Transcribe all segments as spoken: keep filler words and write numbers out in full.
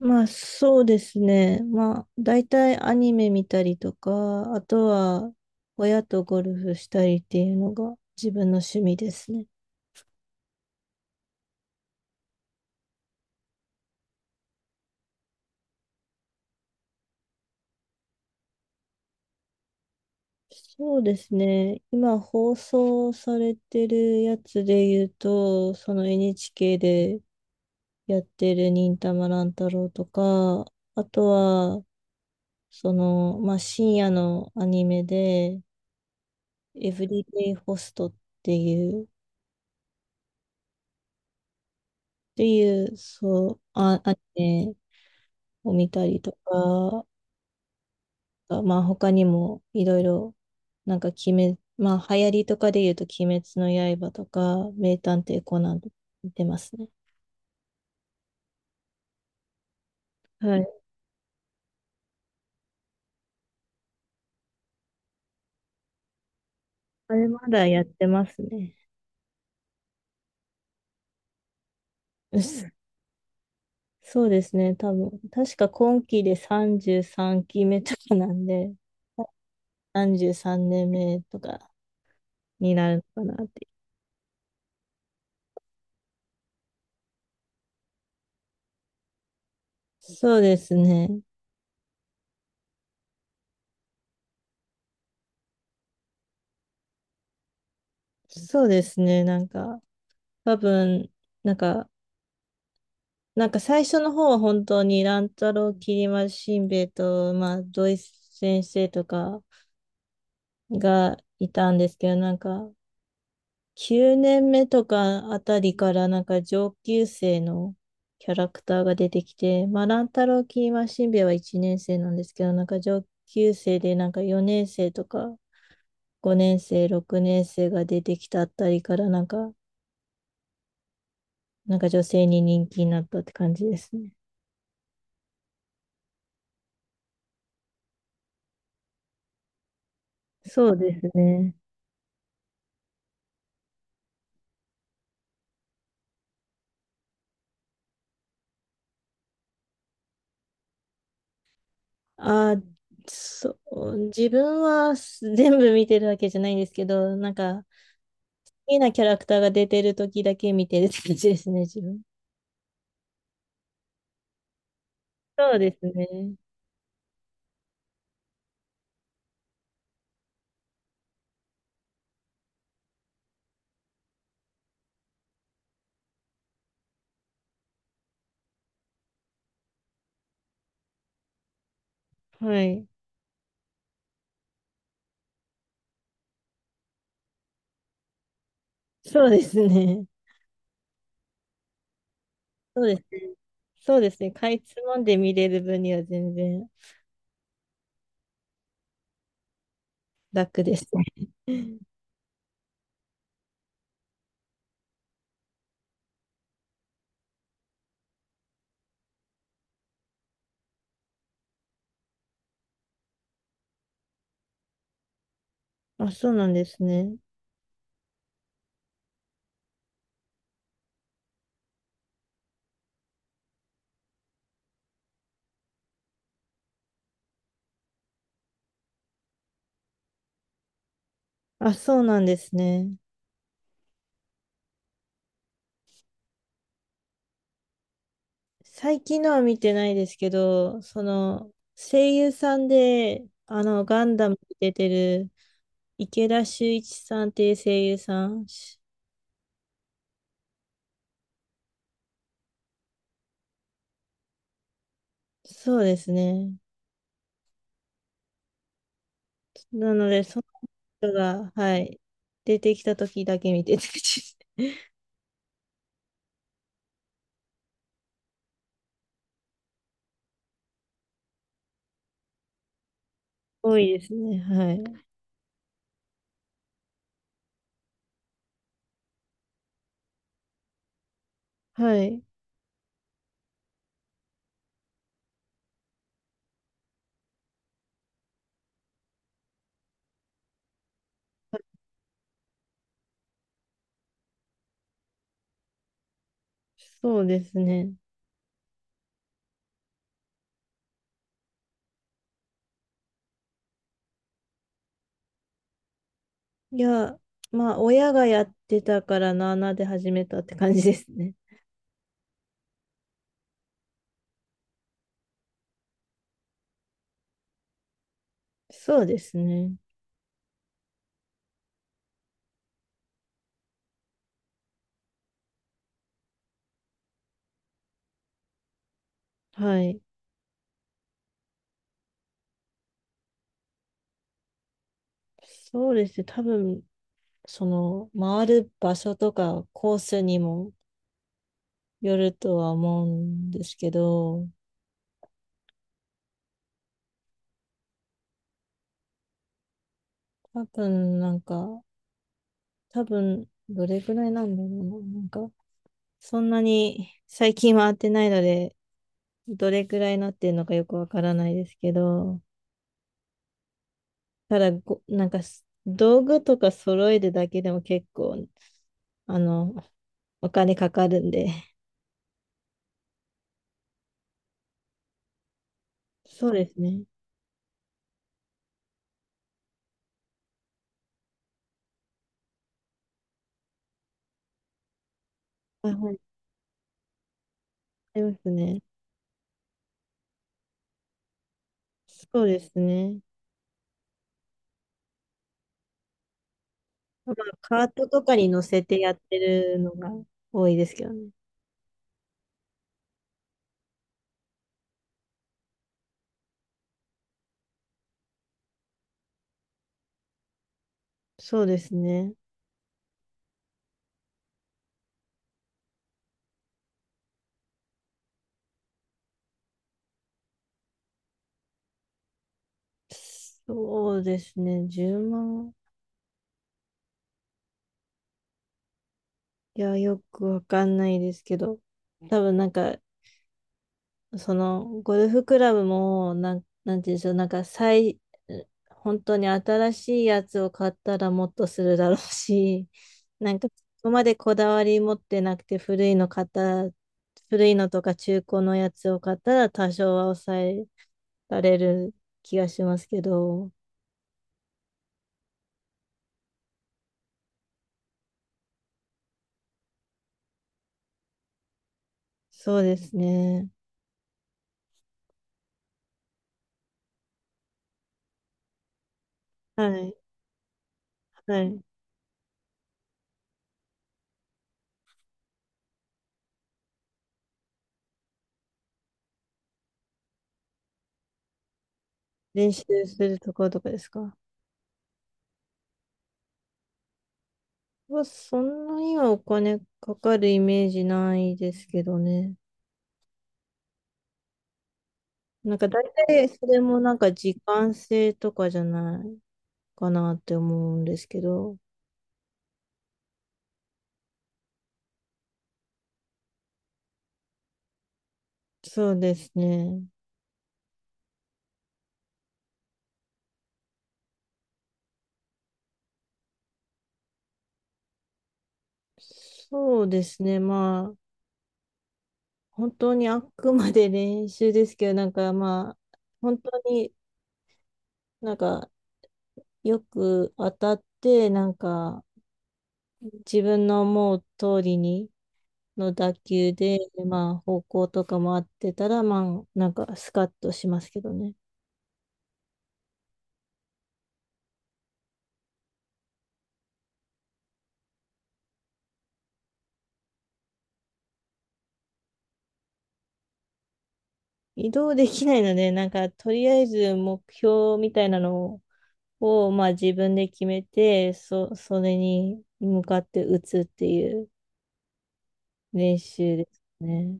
まあそうですね。まあ大体アニメ見たりとか、あとは親とゴルフしたりっていうのが自分の趣味ですね。そうですね。今放送されてるやつで言うと、その エヌエイチケー でやってる忍たま乱太郎とか、あとはその、まあ深夜のアニメで、エブリデイホストっていう、っていう、そう、あ、アニメを見たりとか、まあ他にもいろいろ、なんか鬼滅、まあ流行りとかで言うと鬼滅の刃とか、名探偵コナンとか見てますね。はい。あれまだやってますね。うん、そうですね、多分。確か今期でさんじゅうさんきめとかなんで、さんじゅうさんねんめとかになるのかなって。そうですね。そうですね、なんか、多分、なんか、なんか最初の方は本当に乱太郎、きり丸しんべヱと、まあ、土井先生とかがいたんですけど、なんかきゅうねんめとかあたりからなんか上級生のキャラクターが出てきて、まあ、乱太郎、きり丸しんべヱはいちねん生なんですけど、なんか上級生でなんかよねん生とかごねん生、ろくねん生が出てきたあたりからなんか、なんか女性に人気になったって感じですね。そうですね。あ、そう、自分はす全部見てるわけじゃないんですけど、なんか、好きなキャラクターが出てる時だけ見てるって感じですね、自分。そうですね。はい。そうですね。そうですね。そうですね。かいつまんで見れる分には全然楽ですね。あ、そうなんですね。あ、そうなんですね。最近のは見てないですけど、その、声優さんで、あの、ガンダムに出てる池田秀一さんっていう声優さん。しそうですね。なので、その人が、はい、出てきた時だけ見てて、多いですね。はい。はい。そうですね。いや、まあ、親がやってたからなあなあで始めたって感じですね。そうですね。はい。そうですね。多分、その、回る場所とかコースにもよるとは思うんですけど、多分なんか、多分、どれくらいなんだろうな。なんか、そんなに最近は会ってないので、どれくらいなってるのかよくわからないですけど、ただご、なんか道具とか揃えるだけでも結構、あの、お金かかるんで、そうですね。あ、はい、ありますね。そうですね。まあ、カートとかに乗せてやってるのが多いですけどね。そうですね。そうですね。じゅうまん、いや、よくわかんないですけど、多分なんか、その、ゴルフクラブも、なん、なんていうんでしょう、なんか、最、本当に新しいやつを買ったらもっとするだろうし、なんか、そこまでこだわり持ってなくて、古いの買ったら、古いのとか中古のやつを買ったら、多少は抑えられる気がしますけど、そうですね。はい、はい。練習するところとかですか？はそんなにはお金かかるイメージないですけどね。なんか大体それもなんか時間制とかじゃないかなって思うんですけど。そうですね。そうですね。まあ、本当にあくまで練習ですけど、なんかまあ、本当になんかよく当たって、なんか自分の思う通りにの打球で、まあ、方向とかも合ってたら、まあ、なんかスカッとしますけどね。移動できないので、なんか、とりあえず目標みたいなのを、をまあ、自分で決めて、そ、それに向かって打つっていう練習ですね。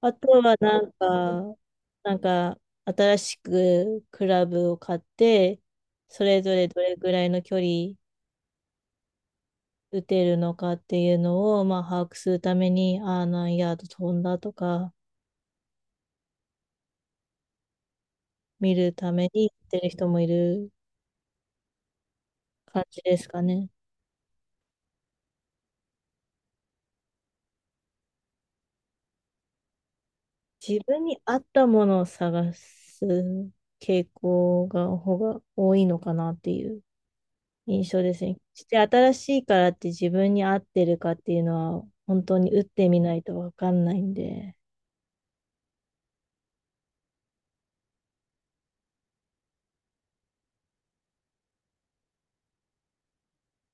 あとは、なんか、なんか、新しくクラブを買って、それぞれどれぐらいの距離打てるのかっていうのを、まあ、把握するために、ああ、何ヤード飛んだとか、見るために打ってる人もいる感じですかね。自分に合ったものを探す傾向が、方が多いのかなっていう印象ですね。して新しいからって自分に合ってるかっていうのは、本当に打ってみないとわかんないんで、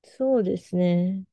そうですね。